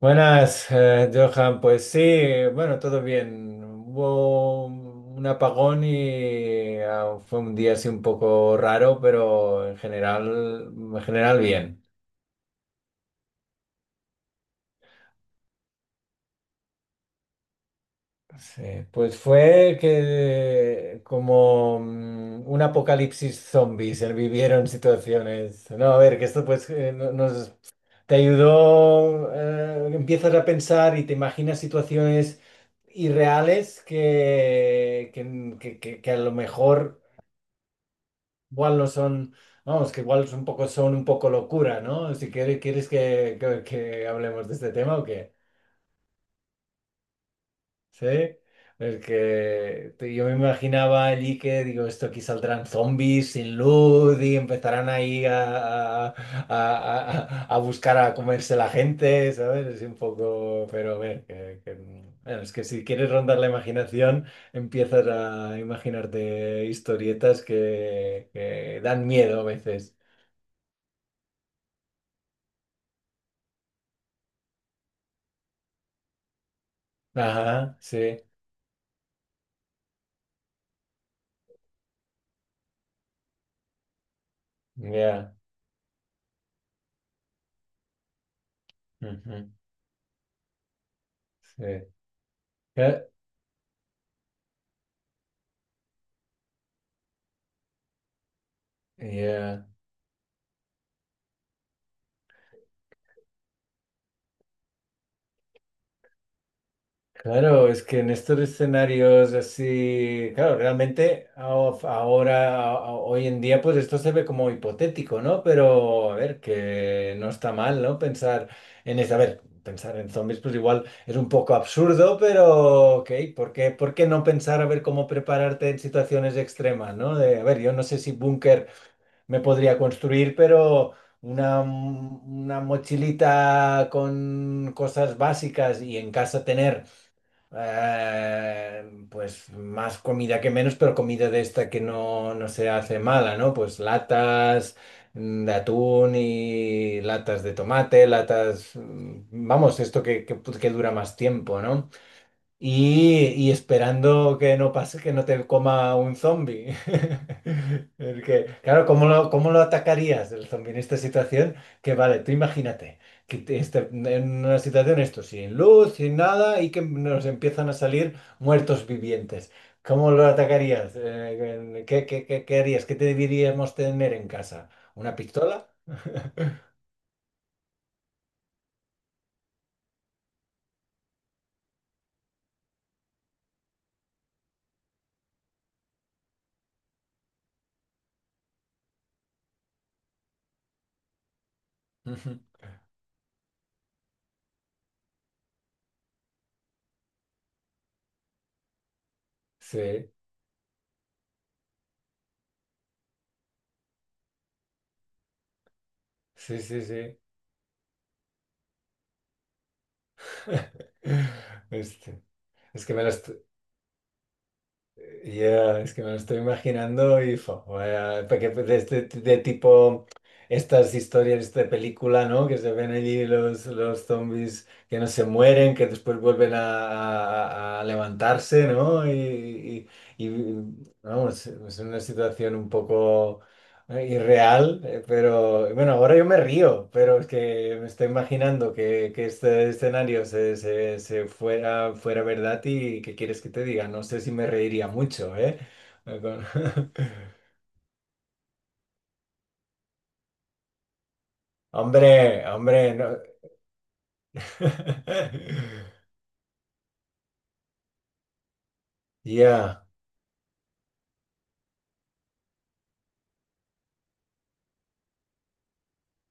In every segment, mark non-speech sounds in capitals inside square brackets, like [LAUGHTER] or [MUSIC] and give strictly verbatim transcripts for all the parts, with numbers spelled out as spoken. Buenas, eh, Johan. Pues sí, bueno, todo bien. Hubo un apagón y ah, fue un día así un poco raro, pero en general, en general bien. Sí, pues fue que como mm, un apocalipsis zombies, se vivieron situaciones. No, a ver, que esto pues eh, no, nos te ayudó. Eh, empiezas a pensar y te imaginas situaciones irreales que, que, que- que- que a lo mejor igual no son, vamos, que igual son un poco, son un poco locura, ¿no? Si quieres, ¿quieres que, que- que hablemos de este tema o qué? Sí, es que te- yo me imaginaba allí que, digo, esto aquí saldrán zombies sin luz y empezarán ahí a, a, a- a- a buscar a comerse la gente, ¿sabes? Es un poco, pero a ver, que, que- bueno, es que si quieres rondar la imaginación, empiezas a imaginarte historietas que, que dan miedo a veces. Ajá, sí, ya. Ujú, sí. Ya. Ya. Claro, es que en estos escenarios así, claro, realmente ao- ahora, a- a- hoy en día, pues esto se ve como hipotético, ¿no? Pero a ver, que no está mal, ¿no? Pensar en eso, a ver, pensar en zombies, pues igual es un poco absurdo, pero ok, ¿por qué, por qué no pensar a ver cómo prepararte en situaciones extremas? ¿No? De, a ver, yo no sé si búnker me podría construir, pero... una, mm, una mochilita con cosas básicas y en casa tener eh, pues más comida que menos, pero comida de esta que no, no se hace mala, ¿no? Pues latas mm, de atún y latas de tomate, latas, mm, vamos, esto que, que, que dura más tiempo, ¿no? Y, y esperando que no pase, que no te coma un zombie. [LAUGHS] Porque, claro, ¿cómo lo, cómo lo atacarías el zombie en esta situación? Que vale, tú imagínate que te- este- en una situación esto, sin luz, sin nada, y que nos empiezan a salir muertos vivientes. ¿Cómo lo atacarías? Eh, ¿qué, qué, qué- qué harías? ¿Qué te deberíamos tener en casa? ¿Una pistola? Ujú. [LAUGHS] Sí, sí, sí, sí. [LAUGHS] Este, es que me lo... est- ya, es que me lo estoy imaginando y fo, vaya, porque de, este- de tipo estas historias este de película, ¿no? Que se ven allí los, los zombies que no se mueren, que después vuelven a, a- a levantarse, ¿no? Y, y- y, vamos, es una situación un poco... ¿No? Irreal, eh, pero bueno, ahora yo me río, pero es que me estoy imaginando que, que este escenario se, se- se fuera, fuera verdad y ¿qué quieres que te diga? No sé si me reiría mucho, ¿eh? [LAUGHS] Hombre, hombre, no. [LAUGHS] Ya,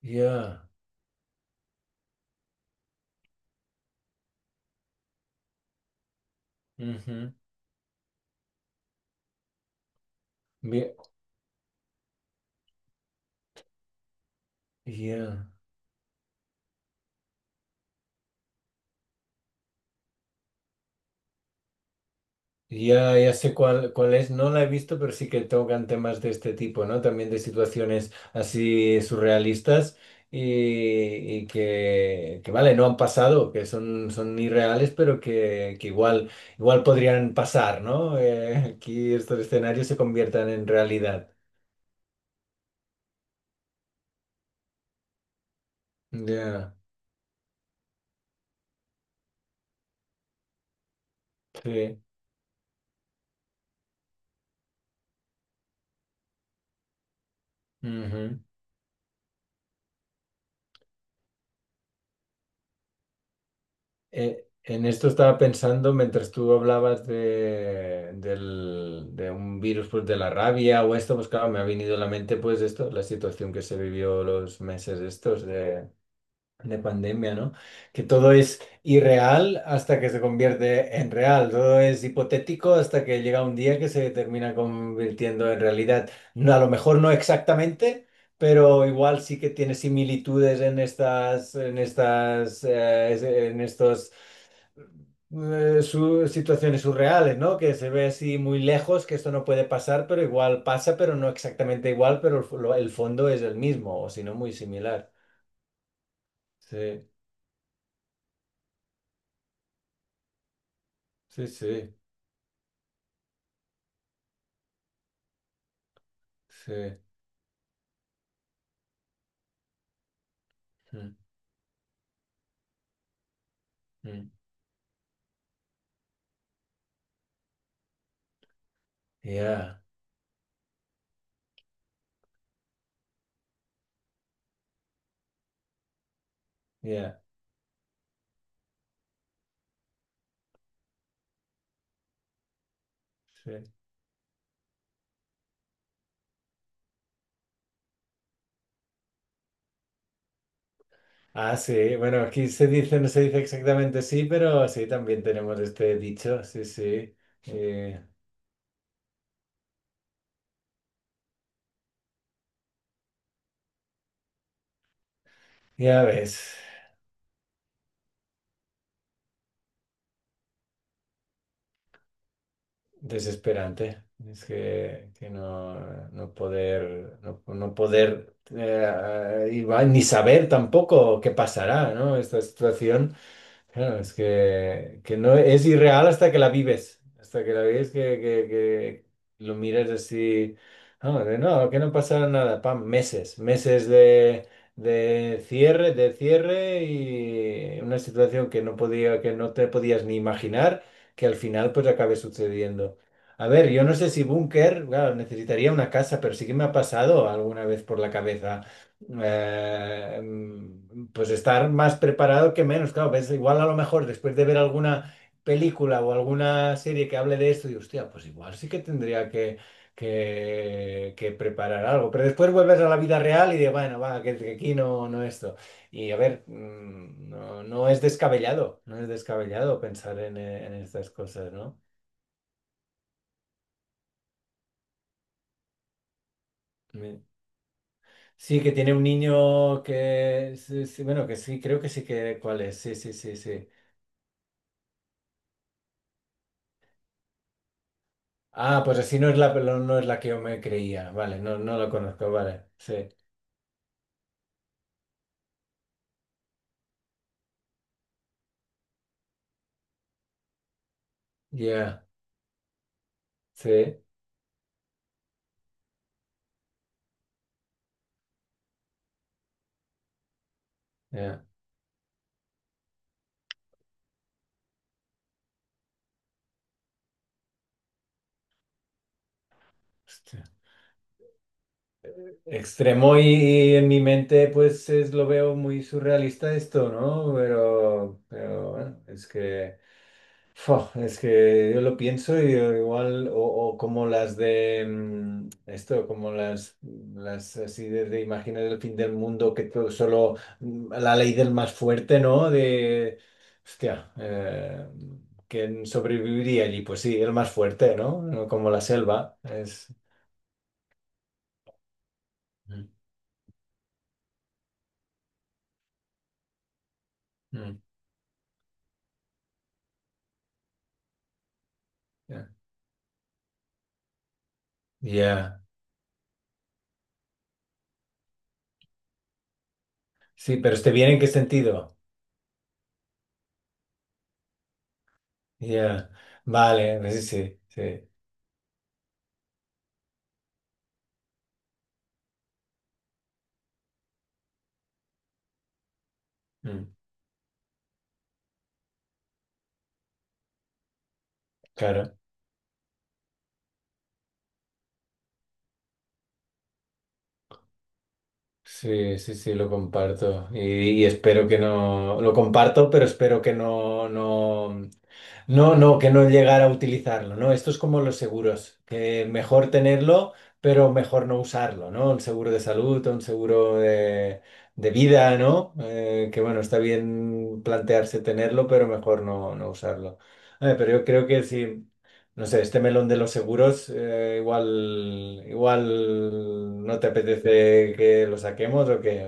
ya. Ujú, bien, Ya. Ya, ya sé cuál, cuál es, no la he visto, pero sí que tocan temas de este tipo, ¿no? También de situaciones así surrealistas y, y que, que, vale, no han pasado, que son, son irreales, pero que, que igual, igual podrían pasar, ¿no? Eh, aquí estos escenarios se conviertan en realidad. Ya, sí. Ujú. Eh, en esto estaba pensando mientras tú hablabas de, del- de un virus pues, de la rabia o esto, pues claro, me ha venido a la mente pues esto, la situación que se vivió los meses estos de, de pandemia, ¿no? Que todo es irreal hasta que se convierte en real, todo es hipotético hasta que llega un día que se termina convirtiendo en realidad. No, a lo mejor no exactamente. Pero igual sí que tiene similitudes en estas, en estas, eh, en estos eh, su- situaciones surreales, ¿no? Que se ve así muy lejos, que esto no puede pasar, pero igual pasa, pero no exactamente igual, pero el, fo- lo- el fondo es el mismo, o si no, muy similar. Sí, sí, sí, sí. Mm, mm. Yeah, yeah, sí. Ah, sí, bueno, aquí se dice, no se dice exactamente sí, pero sí, también tenemos este dicho, sí, sí. Eh, ya ves. Desesperante. Es que, que no, no poder, no, no poder eh, ah, y va- ni saber tampoco qué pasará, ¿no? Esta situación. Claro, es que, que no es irreal hasta que la vives, hasta que la vives que, que, que lo miras así, no, de no, que no pasará nada, pam, meses, meses de, de cierre, de cierre y una situación que no podía, que no te podías ni imaginar que al final pues acabe sucediendo. A ver, yo no sé si búnker, claro, necesitaría una casa, pero sí que me ha pasado alguna vez por la cabeza eh, pues estar más preparado que menos. Claro, ves, igual a lo mejor después de ver alguna película o alguna serie que hable de esto, y hostia, pues igual sí que tendría que, que, que preparar algo. Pero después vuelves a la vida real y de, bueno, va, que, que aquí no, no esto. Y a ver, mm, no, no es descabellado, no es descabellado pensar en, eh, en estas cosas, ¿no? Me- Sí, que tiene un niño que, sí, sí, bueno, que sí, creo que sí que, ¿cuál es? Sí, sí, sí, sí. Ah, pues así no es la, no no es la que yo me creía. Vale, no, no la conozco, vale. Sí, ya, sí, ya. Hostia. Extremo y, y en mi mente pues es, lo veo muy surrealista esto, ¿no? Pero, pero bueno, es que... Fua, es que yo lo pienso y yo igual, o, o como las de mm, esto, como las, las así de, de imágenes del fin del mundo, que todo solo mm, la ley del más fuerte, ¿no? De, hostia, eh, ¿quién sobreviviría allí? Pues sí, el más fuerte, ¿no? No como la selva, es... Mm, mm. Ya. Ya. Sí, pero ¿esté bien en qué sentido? Ya. Vale, sí, sí, sí. Mm, claro. Sí, sí, sí, lo comparto. Y, y espero que no. Lo comparto, pero espero que no, no. No, no, que no llegara a utilizarlo, ¿no? Esto es como los seguros, que mejor tenerlo, pero mejor no usarlo, ¿no? Un seguro de salud, un seguro de, de vida, ¿no? Eh, que bueno, está bien plantearse tenerlo, pero mejor no, no usarlo. A pero yo creo que sí. No sé, este melón de los seguros, eh, igual, igual no te apetece que lo saquemos o que...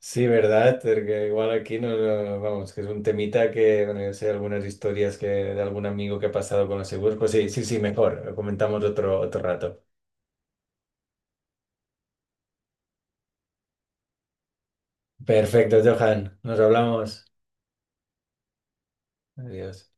Sí, ¿verdad? Porque igual aquí no, no- vamos, que es un temita que, bueno, yo sé algunas historias que de algún amigo que ha pasado con los seguros. Pues sí, sí, sí, mejor. Lo comentamos otro, otro rato. Perfecto, Johan. Nos hablamos. Adiós.